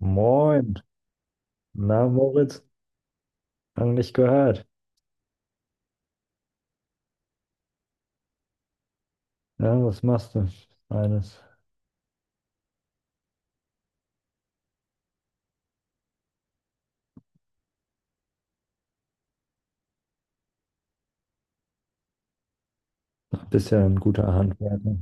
Moin, na Moritz, lang nicht gehört. Ja, was machst du? Eines. Bist ja ein guter Handwerker.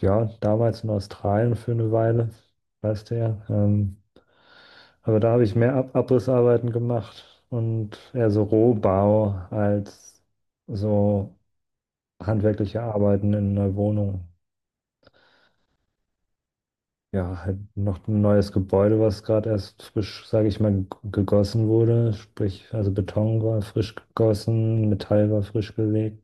Ja, damals in Australien für eine Weile, weißt du ja. Aber da habe ich mehr Ab Abrissarbeiten gemacht und eher so Rohbau als so handwerkliche Arbeiten in einer Wohnung. Ja, halt noch ein neues Gebäude, was gerade erst frisch, sage ich mal, gegossen wurde. Sprich, also Beton war frisch gegossen, Metall war frisch gelegt.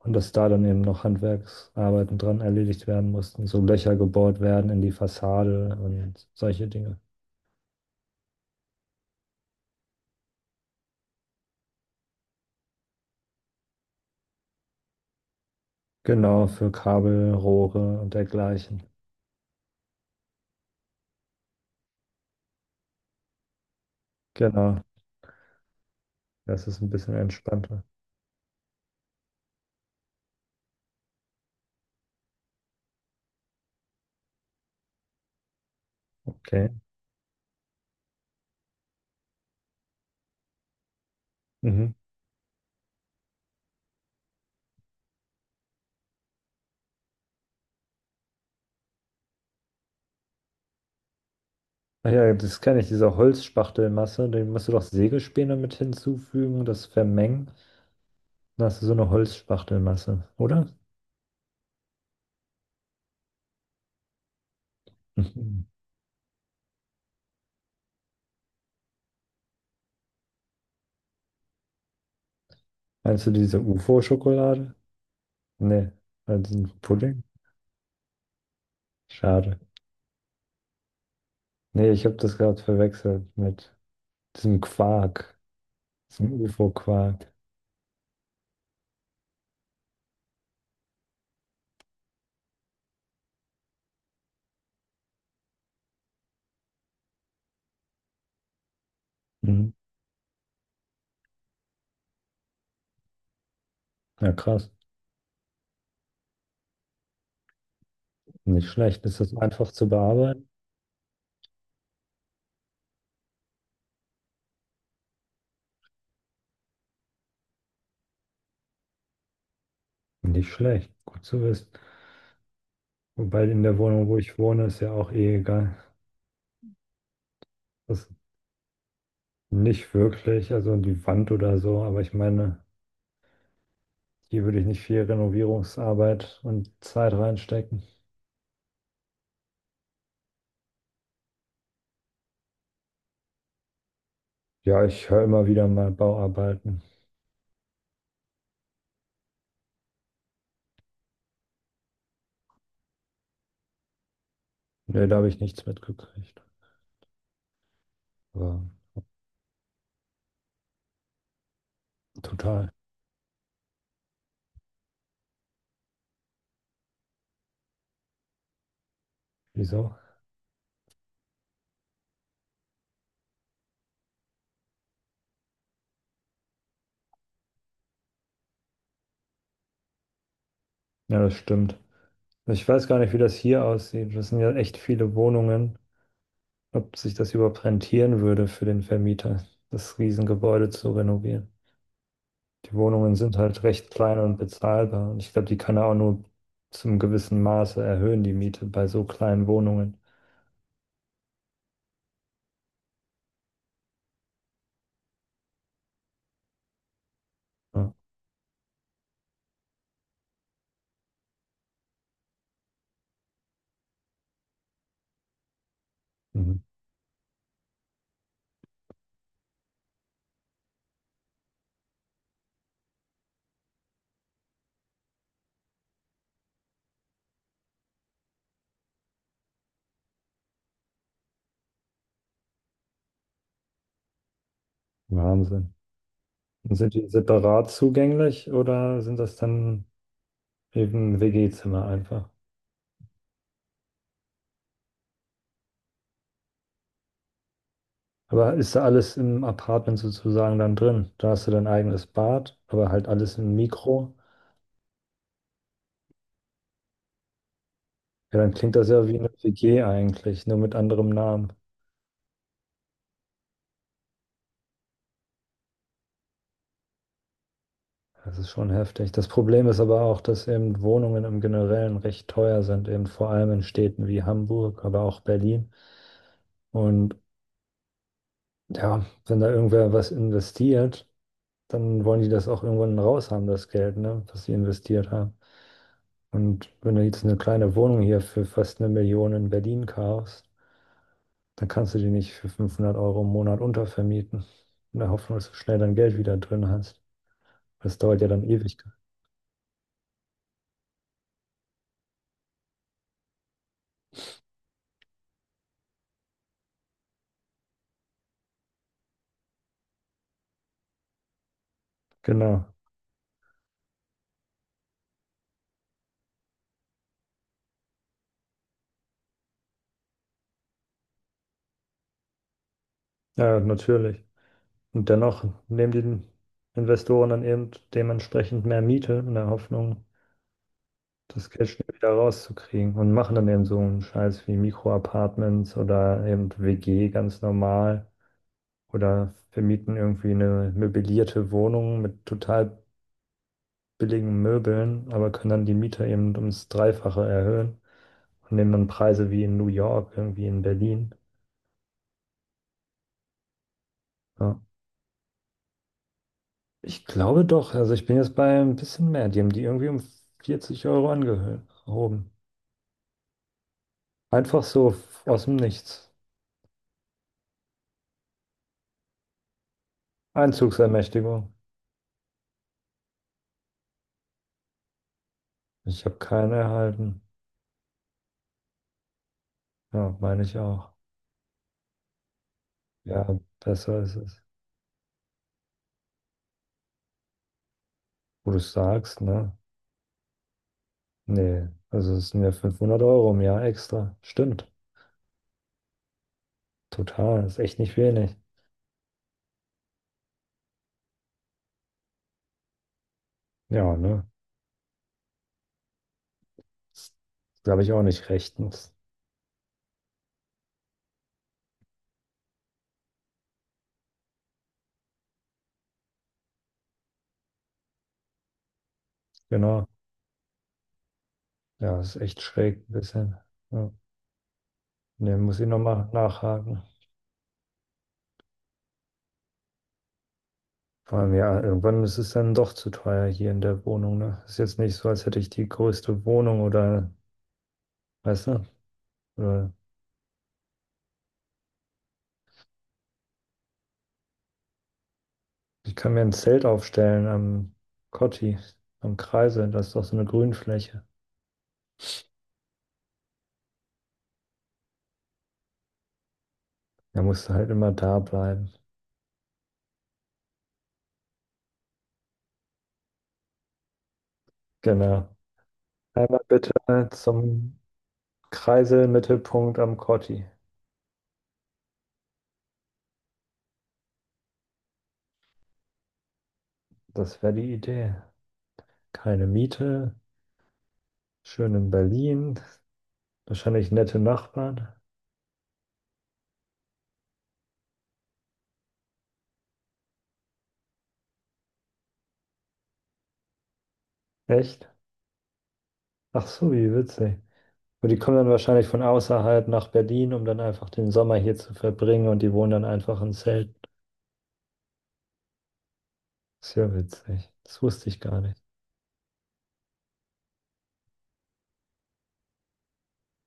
Und dass da dann eben noch Handwerksarbeiten dran erledigt werden mussten, so Löcher gebohrt werden in die Fassade und solche Dinge. Genau, für Kabel, Rohre und dergleichen. Genau, das ist ein bisschen entspannter. Okay. Mhm. Ach ja, das kenne ich, diese Holzspachtelmasse, die musst du doch Sägespäne mit hinzufügen und das vermengen. Dann hast du so eine Holzspachtelmasse, oder? Mhm. Meinst du diese UFO-Schokolade? Nee, also ein Pudding? Schade. Nee, ich habe das gerade verwechselt mit diesem Quark, diesem UFO-Quark. Mhm. Ja, krass. Nicht schlecht. Ist das einfach zu bearbeiten? Nicht schlecht. Gut zu wissen. Wobei in der Wohnung, wo ich wohne, ist ja auch eh egal. Das nicht wirklich, also die Wand oder so, aber ich meine, hier würde ich nicht viel Renovierungsarbeit und Zeit reinstecken. Ja, ich höre immer wieder mal Bauarbeiten. Nee, da habe ich nichts mitgekriegt. Aber total. Wieso? Ja, das stimmt. Ich weiß gar nicht, wie das hier aussieht. Das sind ja echt viele Wohnungen, ob sich das überhaupt rentieren würde für den Vermieter, das Riesengebäude zu renovieren. Die Wohnungen sind halt recht klein und bezahlbar und ich glaube, die kann er auch nur zum gewissen Maße erhöhen, die Miete bei so kleinen Wohnungen. Ja. Mhm. Wahnsinn. Und sind die separat zugänglich oder sind das dann eben WG-Zimmer einfach? Aber ist da alles im Apartment sozusagen dann drin? Da hast du dein eigenes Bad, aber halt alles im Mikro. Ja, dann klingt das ja wie eine WG eigentlich, nur mit anderem Namen. Das ist schon heftig. Das Problem ist aber auch, dass eben Wohnungen im Generellen recht teuer sind, eben vor allem in Städten wie Hamburg, aber auch Berlin. Und ja, wenn da irgendwer was investiert, dann wollen die das auch irgendwann raus haben, das Geld, ne, was sie investiert haben. Und wenn du jetzt eine kleine Wohnung hier für fast 1 Million in Berlin kaufst, dann kannst du die nicht für 500 Euro im Monat untervermieten. In der Hoffnung, dass du schnell dein Geld wieder drin hast. Das dauert ja dann ewig. Genau. Ja, natürlich. Und dennoch nehmen die Investoren dann eben dementsprechend mehr Miete in der Hoffnung, das Geld schnell wieder rauszukriegen und machen dann eben so einen Scheiß wie Mikroapartments oder eben WG ganz normal oder vermieten irgendwie eine möblierte Wohnung mit total billigen Möbeln, aber können dann die Miete eben ums Dreifache erhöhen und nehmen dann Preise wie in New York, irgendwie in Berlin. Ja. Ich glaube doch, also ich bin jetzt bei ein bisschen mehr, die haben die irgendwie um 40 Euro angehoben. Einfach so aus dem Nichts. Einzugsermächtigung. Ich habe keine erhalten. Ja, meine ich auch. Ja, besser ist es. Wo du sagst, ne? Nee, also es sind ja 500 Euro im Jahr extra. Stimmt. Total. Ist echt nicht wenig. Ja, ne? Das glaube ich auch nicht rechtens. Genau. Ja, ist echt schräg ein bisschen. Ja. Ne, muss ich nochmal nachhaken. Vor allem, ja, irgendwann ist es dann doch zu teuer hier in der Wohnung, ne? Ist jetzt nicht so, als hätte ich die größte Wohnung oder, weißt du? Äh, Ich kann mir ein Zelt aufstellen am Kotti, am Kreisel. Das ist doch so eine Grünfläche. Da musst du halt immer da bleiben. Genau. Einmal bitte zum Kreiselmittelpunkt am Kotti. Das wäre die Idee. Keine Miete, schön in Berlin, wahrscheinlich nette Nachbarn. Echt? Ach so, wie witzig. Und die kommen dann wahrscheinlich von außerhalb nach Berlin, um dann einfach den Sommer hier zu verbringen und die wohnen dann einfach in Zelten. Ist ja witzig. Das wusste ich gar nicht.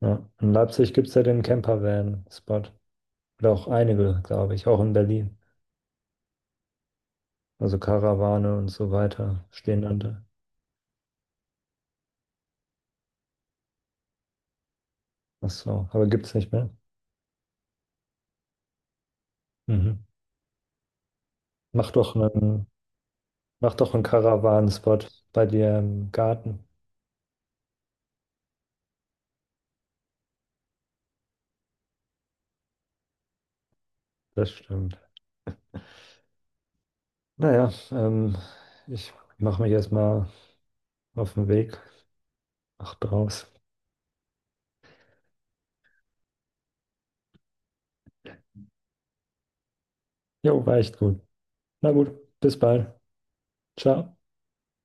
Ja. In Leipzig gibt es ja den Campervan-Spot. Oder auch einige, glaube ich, auch in Berlin. Also Karawane und so weiter stehen dann da. Ach so, aber gibt es nicht mehr. Mhm. Mach doch einen, mach doch einen Karawanen-Spot bei dir im Garten. Das stimmt. Naja, ich mache mich erstmal auf den Weg. Mach draus. Jo, war echt gut. Na gut, bis bald. Ciao.